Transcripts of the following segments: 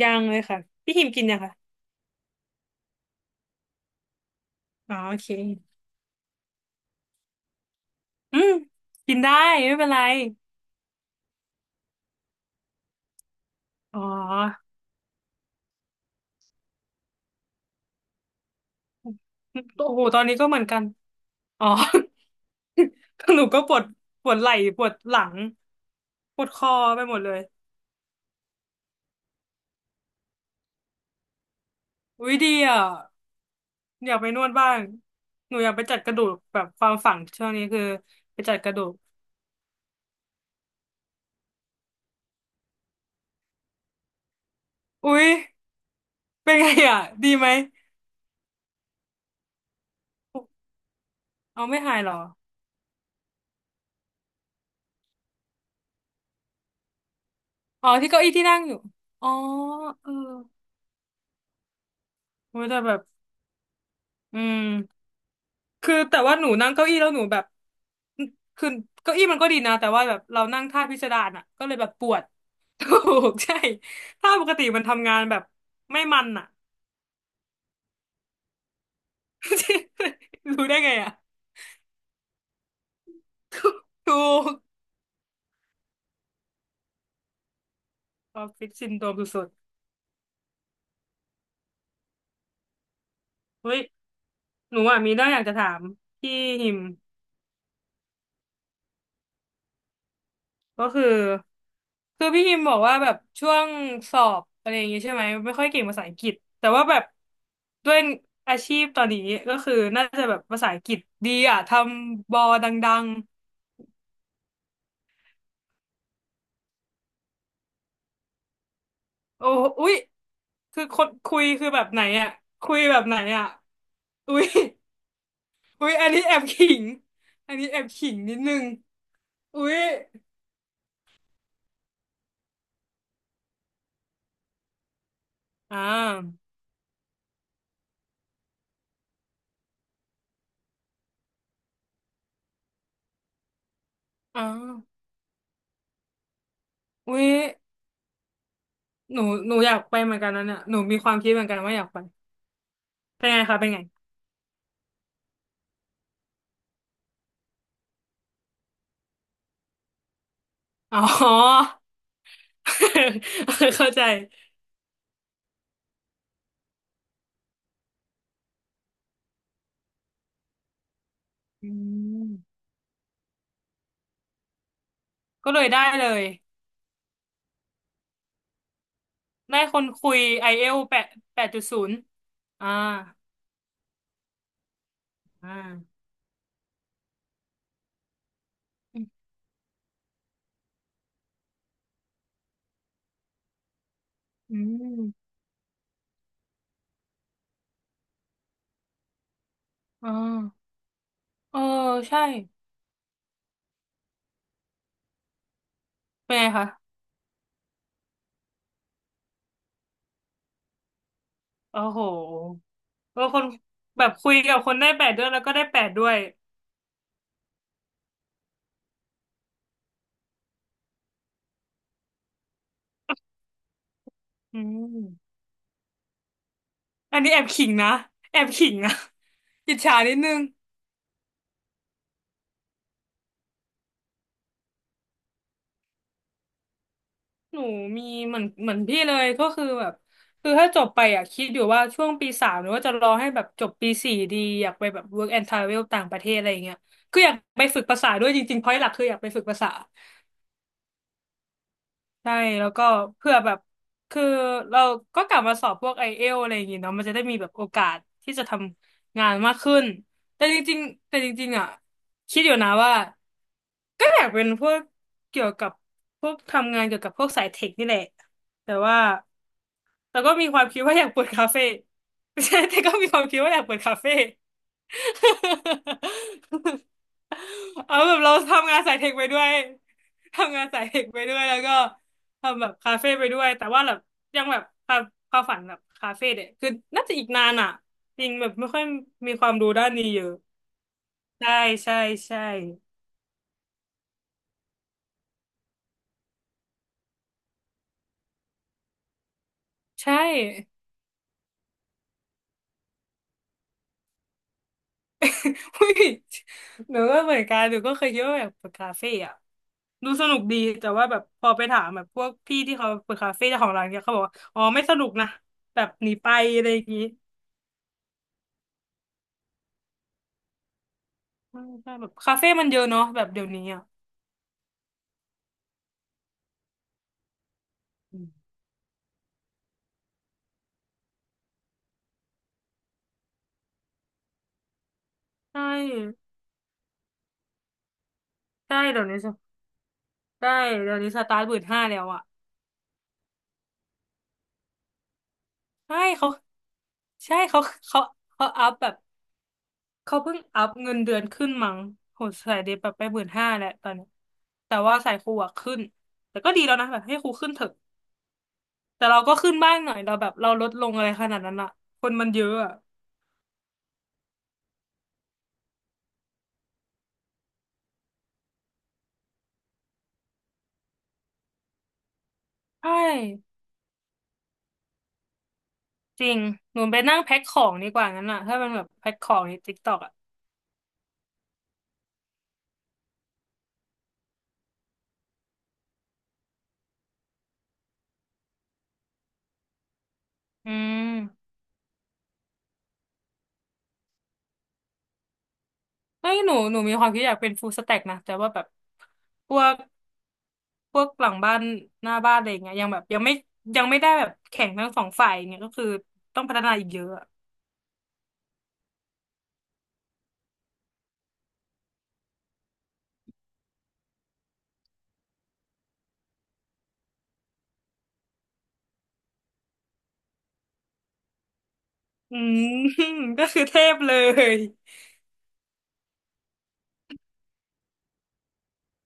ยังเลยค่ะพี่หิมกินยังค่ะอ๋อโอเคอืมกินได้ไม่เป็นไรอ๋อโอ้โหตอนนี้ก็เหมือนกันอ๋อ หนูก็ปวดปวดไหล่ปวดหลังปวดคอไปหมดเลยอุ้ยดีอ่ะอยากไปนวดบ้างหนูอยากไปจัดกระดูกแบบความฝังช่วงนี้คือไปจัดกระดูกอุ้ยเป็นไงอ่ะดีไหมเอาไม่หายเหรออ๋อที่เก้าอี้ที่นั่งอยู่อ๋อเออโอยแต่แบบอืม คือแต่ว่าหนูนั่งเก้าอี้แล้วหนูแบบคือเก้าอี้มันก็ดีนะแต่ว่าแบบเรานั่งท่าพิสดารอ่ะก็เลยแบบปวด ถูกใช่ท่าปกติมันทำงานแบบไม่มันอ่ะ รู้ได้ไงอ่ะ ถูกออฟฟิศซินโดรมสุดๆเฮ้ยหนูอ่ะมีเรื่องอยากจะถามพี่หิม ก็คือคือพี่พิมพ์บอกว่าแบบช่วงสอบอะไรอย่างเงี้ยใช่ไหมไม่ค่อยเก่งภาษาอังกฤษแต่ว่าแบบด้วยอาชีพตอนนี้ก็คือน่าจะแบบภาษาอังกฤษดีอ่ะทำบอดังๆโอ้อุ๊ยคือคนคุยคือแบบไหนอ่ะคุยแบบไหนอ่ะอุ๊ยอุ๊ยอันนี้แอบขิงอันนี้แอบขิงนิดนึงอุ๊ยอ่าอ่าอุ้ยหนูหนูอยากไปเหมือนกันนั่นน่ะหนูมีความคิดเหมือนกันว่าอยากไปเป็นไงคะเป็นไง อ๋อ เข้าใจอืมก็เลยได้เลย ได้คนคุยIELTS88.0อ่าอ่าอืมอ๋อเออใช่ เป็นไงคะโอ้โหเออคนแบบคุยกับคนได้แปดด้วยแล้วก็ได้แปดด้วยอืมอันนี้แอบขิงนะ แอบขิงนะ อิจฉานิดนึง หนูมีเหมือนเหมือนพี่เลยก็คือแบบคือถ้าจบไปอ่ะคิดอยู่ว่าช่วงปีสามหรือว่าจะรอให้แบบจบปีสี่ดีอยากไปแบบ work and travel ต่างประเทศอะไรอย่างเงี้ยคืออยากไปฝึกภาษาด้วยจริงๆเพราะหลักคืออยากไปฝึกภาษาใช่แล้วก็เพื่อแบบคือเราก็กลับมาสอบพวกไอเอลอะไรอย่างงี้เนาะมันจะได้มีแบบโอกาสที่จะทำงานมากขึ้นแต่จริงๆแต่จริงๆอ่ะคิดอยู่นะว่าก็อยากเป็นพวกเกี่ยวกับพวกทำงานเกี่ยวกับพวกสายเทคนี่แหละแต่ว่า แต่ก็มีความคิดว่าอยากเปิดคาเฟ่ ไม่ใช่แต่ก็มีความคิดว่าอยากเปิดคาเฟ่ เอาแบบเราทำงานสายเทคไปด้วยทำงานสายเทคไปด้วยแล้วก็ทำแบบคาเฟ่ไปด้วยแต่ว่าแบบยังแบบความความฝันแบบคาเฟ่เนี่ยคือน่าจะอีกนานอ่ะจริงแบบไม่ค่อยมีความรู้ด้านนี้เยอะใช่ใช่ใช่ใช่ อุ้ยหนูก็เหมือนกันหนูก็เคยคิดว่าแบบเปิดคาเฟ่อะดูสนุกดีแต่ว่าแบบพอไปถามแบบพวกพี่ที่เขาเปิดคาเฟ่เจ้าของร้านเนี่ยเขาบอกว่าอ๋อไม่สนุกนะแบบหนีไปอะไรอย่างงี้ใช่ใช่แบบคาเฟ่มันเยอะเนาะแบบเดี๋ยวนี้อะอืมใช่ใช่เดี๋ยวนี้สใช่เดี๋ยวนี้สตาร์ทหมื่นห้าแล้วอะใช่เขาใช่เขาเขาเขาอัพแบบเขาเพิ่งอัพเงินเดือนขึ้นมั้งโหสายเดบแบบไปหมื่นห้าแล้วตอนนี้แต่ว่าสายครูอะขึ้นแต่ก็ดีแล้วนะแบบให้ครูขึ้นเถอะ แต่เราก็ขึ้นบ้างหน่อยเราแบบเราลดลงอะไรขนาดนั้นอะคนมันเยอะอะใช่จริงหนูไปนั่งแพ็คของดีกว่างั้นอะถ้ามันแบบแพ็คของในติ๊กต็อกอะอืมเฮ้ยหนูมีความคิดอยากเป็นฟูลสแต็กนะแต่ว่าแบบพวกพวกหลังบ้านหน้าบ้านอะไรอย่างเงี้ยยังแบบยังไม่ได้แบบแข่งทั้งสองฝ่ายอย่างเนี่ยก็คือต้องพัฒนาอีกเยอะอะอืม ก็คือเทพเลย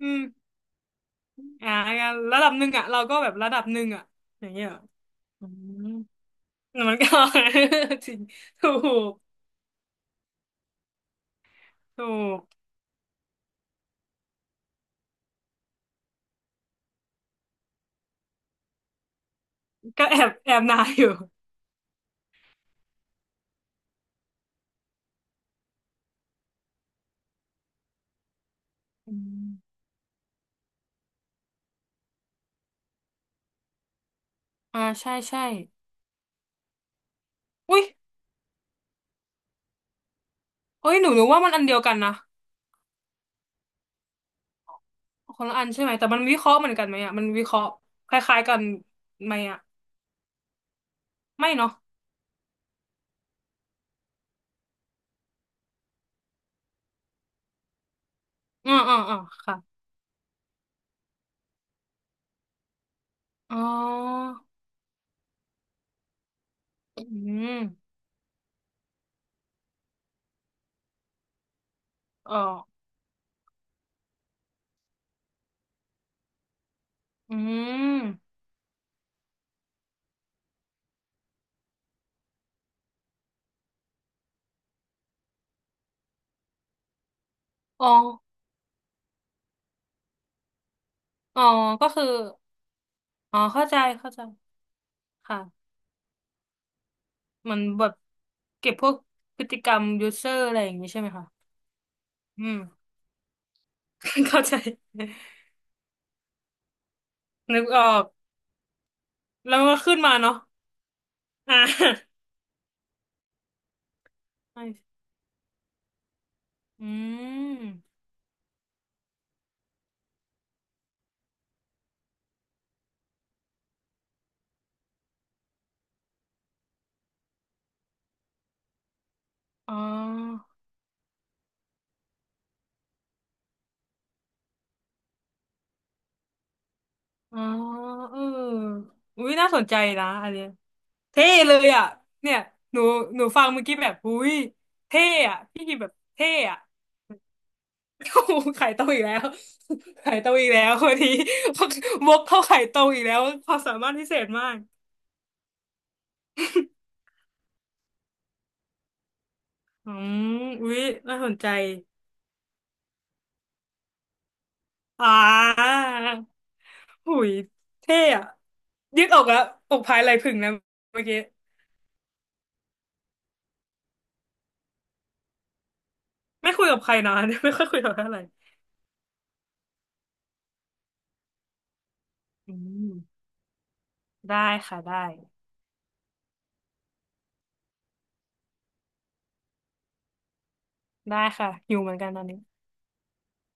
อืมอ่างั้นระดับหนึ่งอะเราก็แบบระดับหนึ่งอะอย่างเงี้ยเหรออืม มันก็ จริงถูกถูกก็แอบแอบนายอยู่อืมอ่าใช่ใช่อุ้ยเอุ้ยหนูว่ามันอันเดียวกันนะคนละอันใช่ไหมแต่มันวิเคราะห์เหมือนกันไหมอ่ะมันวิเคราะห์คล้ายๆกันไหมอ่ะไม่เนาะอ่าอ่าอ่าค่ะอ๋ออืมอ๋ออืมอ๋ออ๋อก็คืออ๋อเข้าใจเข้าใจค่ะมันแบบเก็บพวกพฤติกรรมยูเซอร์อะไรอย่างนี้ใช่ไหมคะอืม เข้าใจ นึกออกแล้วมันก็ขึ้นมาเนาะอ่า ใช่อืมอ๋ออ๋อเอออุ้ยน่าสนใจนะอันเนี้ยเท่เลยอ่ะเนี่ยหนูหนูฟังเมื่อกี้แบบอุ้ยเท่อ่ะพี่กิมแบบเท่อ่ะ โอ้โหไข่ตรงอีกแล้ว ไข่ตรงอีกแล้วคนนี้ วกเข้าไข่ตรงอีกแล้วความสามารถพิเศษมากอืมอุ้ยน่าสนใจ อ่าหุย เท่อะยืดอกอะอกพายไหล่ผึ่งนะเมื่อกี้ไม่คุยกับใครนะ ไม่ค่อยคุยกับใครอะไรอืมได้ค่ะ ได้ ได้ค่ะ อยู่เหมือนกันตอนนี้